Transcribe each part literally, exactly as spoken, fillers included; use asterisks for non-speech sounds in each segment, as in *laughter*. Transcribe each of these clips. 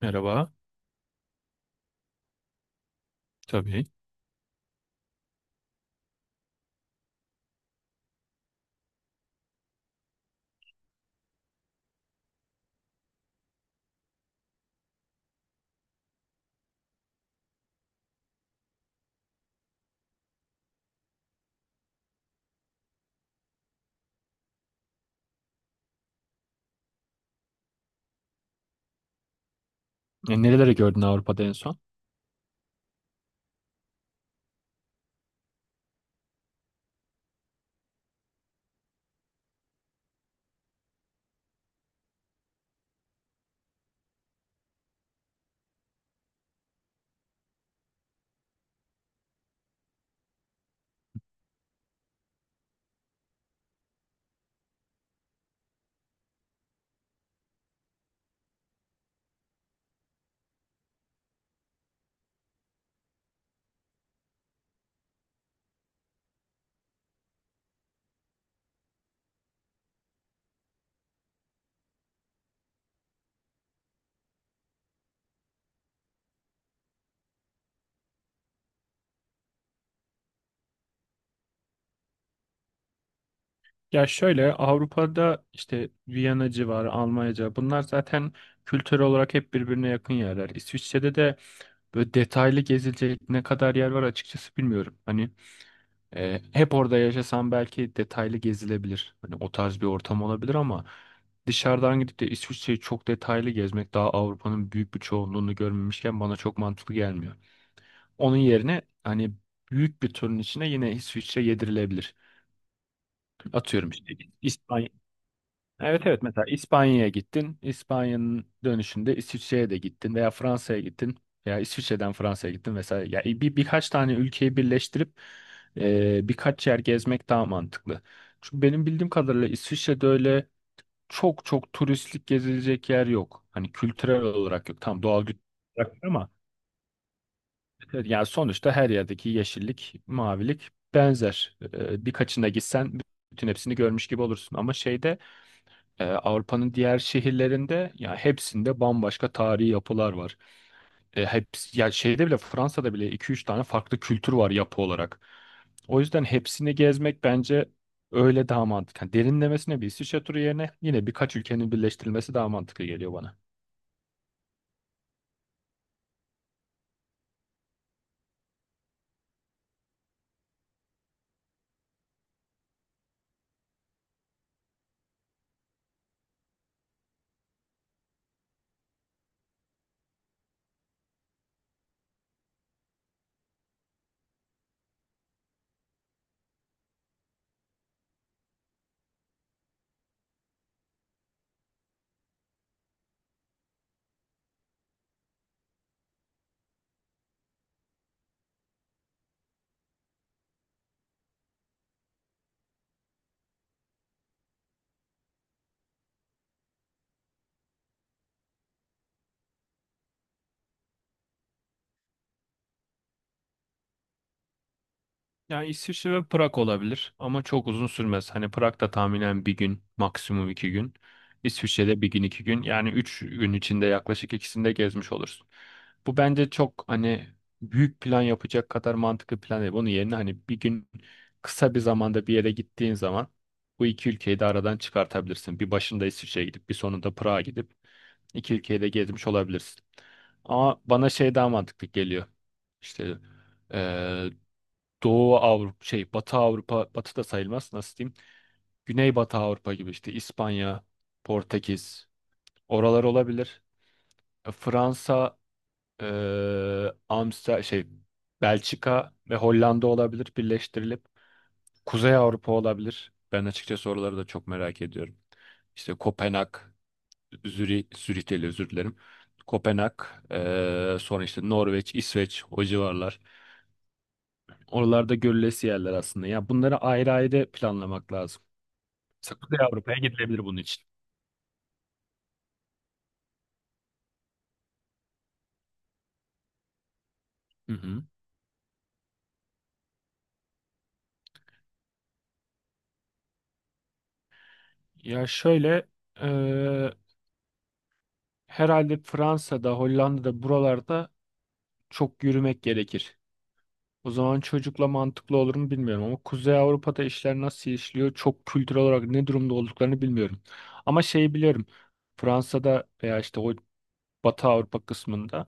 Merhaba. Tabii. E, nereleri gördün Avrupa'da en son? Ya şöyle, Avrupa'da işte Viyana civarı, Almanyaca, bunlar zaten kültürel olarak hep birbirine yakın yerler. İsviçre'de de böyle detaylı gezilecek ne kadar yer var açıkçası bilmiyorum. Hani e, hep orada yaşasam belki detaylı gezilebilir. Hani o tarz bir ortam olabilir, ama dışarıdan gidip de İsviçre'yi çok detaylı gezmek, daha Avrupa'nın büyük bir çoğunluğunu görmemişken, bana çok mantıklı gelmiyor. Onun yerine hani büyük bir turun içine yine İsviçre yedirilebilir. Atıyorum, işte İspanya. Evet, evet, mesela İspanya'ya gittin. İspanya'nın dönüşünde İsviçre'ye de gittin veya Fransa'ya gittin, veya İsviçre'den Fransa'ya gittin vesaire. Ya e, bir birkaç tane ülkeyi birleştirip e, birkaç yer gezmek daha mantıklı. Çünkü benim bildiğim kadarıyla İsviçre'de öyle çok çok turistlik gezilecek yer yok. Hani kültürel olarak yok. Tam doğal güzellik olarak var ama. Evet. Yani sonuçta her yerdeki yeşillik, mavilik benzer. Ee, Birkaçına gitsen bütün hepsini görmüş gibi olursun. Ama şeyde e, Avrupa'nın diğer şehirlerinde, ya hepsinde bambaşka tarihi yapılar var. E, Hepsi, ya şeyde bile, Fransa'da bile iki üç tane farklı kültür var yapı olarak. O yüzden hepsini gezmek bence öyle daha mantıklı. Yani derinlemesine bir İsviçre turu yerine, yine birkaç ülkenin birleştirilmesi daha mantıklı geliyor bana. Yani İsviçre ve Prag olabilir, ama çok uzun sürmez. Hani Prag'da tahminen bir gün, maksimum iki gün. İsviçre'de bir gün, iki gün. Yani üç gün içinde yaklaşık ikisini de gezmiş olursun. Bu bence çok hani, büyük plan yapacak kadar mantıklı plan değil. Bunun yerine hani bir gün, kısa bir zamanda bir yere gittiğin zaman bu iki ülkeyi de aradan çıkartabilirsin. Bir başında İsviçre'ye gidip bir sonunda Prag'a gidip iki ülkeyi de gezmiş olabilirsin. Ama bana şey daha mantıklı geliyor. İşte eee, Doğu Avrupa, şey Batı Avrupa, Batı da sayılmaz, nasıl diyeyim, Güneybatı Avrupa gibi işte. İspanya, Portekiz, oralar olabilir. E, Fransa, e, Amsterdam, şey Belçika ve Hollanda olabilir birleştirilip. Kuzey Avrupa olabilir, ben açıkçası oraları da çok merak ediyorum. İşte Kopenhag, Zürih, Zürih değil, özür dilerim, Kopenhag, e, sonra işte Norveç, İsveç, o civarlar. Oralarda görülesi yerler aslında. Ya bunları ayrı ayrı planlamak lazım. Mesela Kuzey Avrupa'ya gidilebilir bunun için. Hı hı. Ya şöyle, eee, herhalde Fransa'da, Hollanda'da, buralarda çok yürümek gerekir. O zaman çocukla mantıklı olur mu bilmiyorum, ama Kuzey Avrupa'da işler nasıl işliyor, çok kültürel olarak ne durumda olduklarını bilmiyorum. Ama şeyi biliyorum. Fransa'da veya işte o Batı Avrupa kısmında,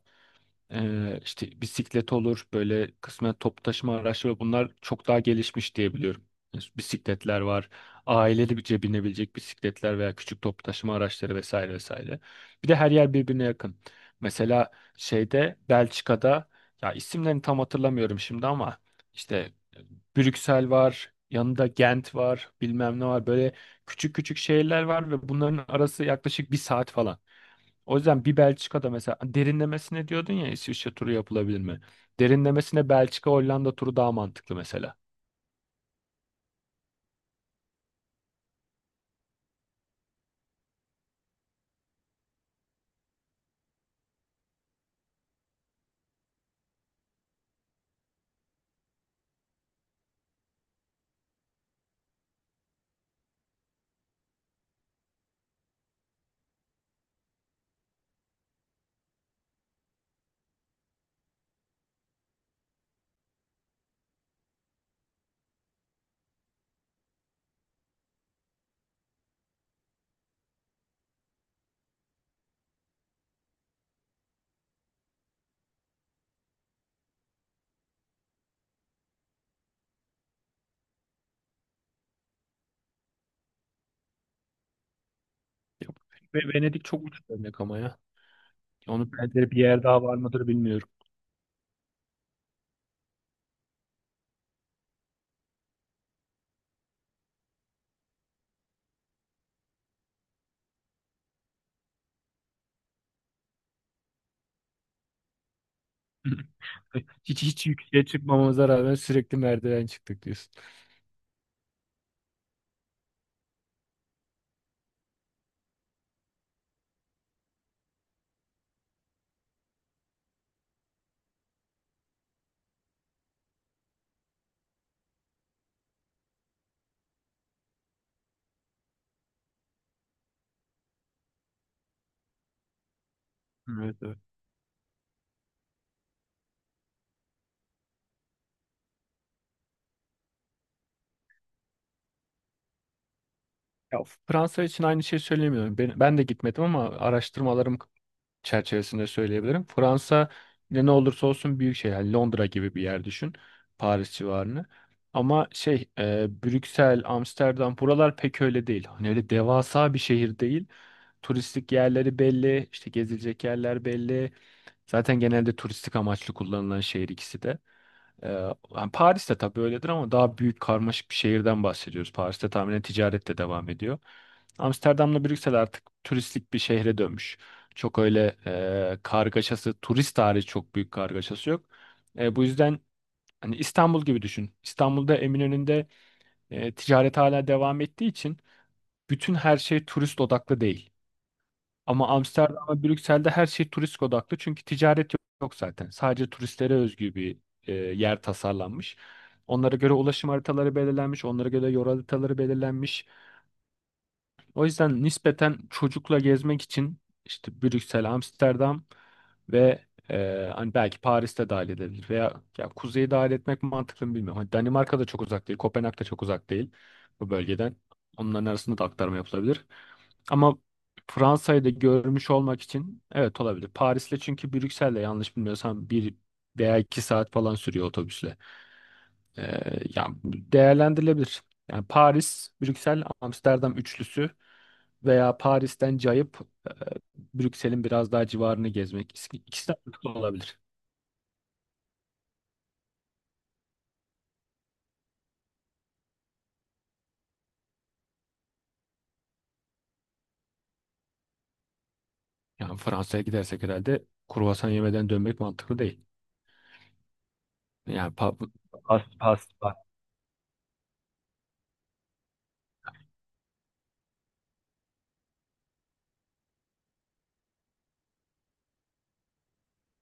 Ee, işte bisiklet olur, böyle kısmen toplu taşıma araçları, bunlar çok daha gelişmiş diye biliyorum. Yani bisikletler var. Aileli bir binebilecek bisikletler veya küçük toplu taşıma araçları vesaire vesaire. Bir de her yer birbirine yakın. Mesela şeyde Belçika'da, ya isimlerini tam hatırlamıyorum şimdi, ama işte e, Brüksel var, yanında Gent var, bilmem ne var. Böyle küçük küçük şehirler var ve bunların arası yaklaşık bir saat falan. O yüzden bir Belçika'da mesela, derinlemesine diyordun ya, İsviçre turu yapılabilir mi? Derinlemesine Belçika Hollanda turu daha mantıklı mesela. Yap- Ve Venedik çok uç örnek ama ya. Onun benzeri bir yer daha var mıdır bilmiyorum. *laughs* Hiç hiç yükseğe çıkmamamıza rağmen sürekli merdiven çıktık diyorsun. Evet, evet. Ya, Fransa için aynı şeyi söyleyemiyorum. Ben, ben de gitmedim, ama araştırmalarım çerçevesinde söyleyebilirim. Fransa ne ne olursa olsun büyük şehir. Yani Londra gibi bir yer düşün. Paris civarını. Ama şey e, Brüksel, Amsterdam, buralar pek öyle değil. Hani öyle devasa bir şehir değil. Turistik yerleri belli, işte gezilecek yerler belli. Zaten genelde turistik amaçlı kullanılan şehir ikisi de. Ee, Yani Paris'te tabii öyledir, ama daha büyük karmaşık bir şehirden bahsediyoruz. Paris'te tahminen ticaret de devam ediyor. Amsterdam'la Brüksel artık turistik bir şehre dönmüş. Çok öyle e, kargaşası, turist hariç çok büyük kargaşası yok. E, bu yüzden hani İstanbul gibi düşün. İstanbul'da Eminönü'nde e, ticaret hala devam ettiği için bütün her şey turist odaklı değil. Ama Amsterdam ve Brüksel'de her şey turist odaklı. Çünkü ticaret yok zaten. Sadece turistlere özgü bir e, yer tasarlanmış. Onlara göre ulaşım haritaları belirlenmiş. Onlara göre yol haritaları belirlenmiş. O yüzden nispeten çocukla gezmek için işte Brüksel, Amsterdam ve e, hani belki Paris'te dahil edilir. Veya ya kuzeyi dahil etmek mantıklı mı bilmiyorum. Hani Danimarka da çok uzak değil. Kopenhag da çok uzak değil bu bölgeden. Onların arasında da aktarma yapılabilir. Ama Fransa'yı da görmüş olmak için evet, olabilir. Paris'le, çünkü Brüksel'le yanlış bilmiyorsam bir veya iki saat falan sürüyor otobüsle. Ee, yani değerlendirilebilir. Yani Paris, Brüksel, Amsterdam üçlüsü, veya Paris'ten cayıp e, Brüksel'in biraz daha civarını gezmek. İkisi ikisi de mantıklı olabilir. Yani Fransa'ya gidersek herhalde kruvasan yemeden dönmek mantıklı değil. Yani pa pas, pas,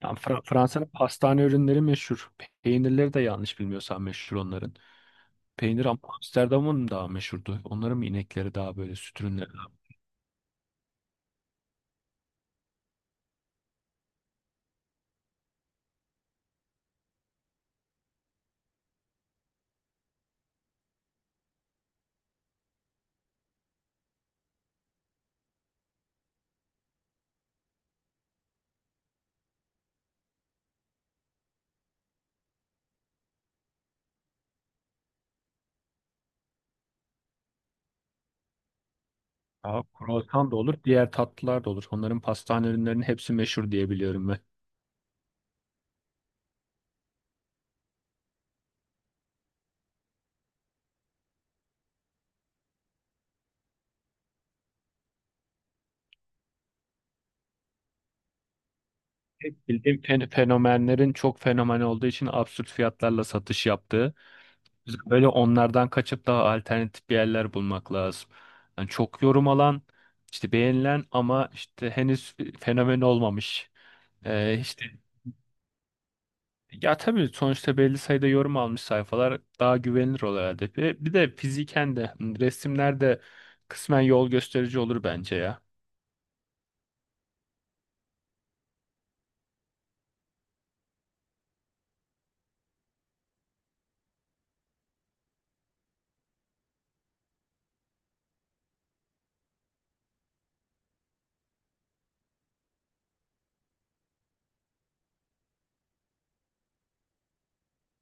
tam Fra- Fransa'nın pastane ürünleri meşhur. Peynirleri de yanlış bilmiyorsam meşhur onların. Peynir Am- Amsterdam'ın daha meşhurdu. Onların mı inekleri daha böyle süt ürünleri. Daha kruvasan da olur, diğer tatlılar da olur. Onların pastane ürünlerinin hepsi meşhur diye biliyorum ben. Tek bildiğim, fen- fenomenlerin çok fenomen olduğu için absürt fiyatlarla satış yaptığı. Biz böyle onlardan kaçıp daha alternatif bir yerler bulmak lazım. Yani çok yorum alan, işte beğenilen, ama işte henüz fenomen olmamış. Ee, işte Ya tabii sonuçta belli sayıda yorum almış sayfalar daha güvenilir olur herhalde. Bir, bir de fiziken de hani resimler de kısmen yol gösterici olur bence ya.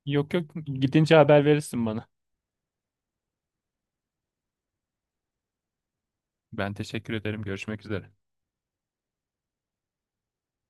Yok yok, gidince haber verirsin bana. Ben teşekkür ederim. Görüşmek üzere.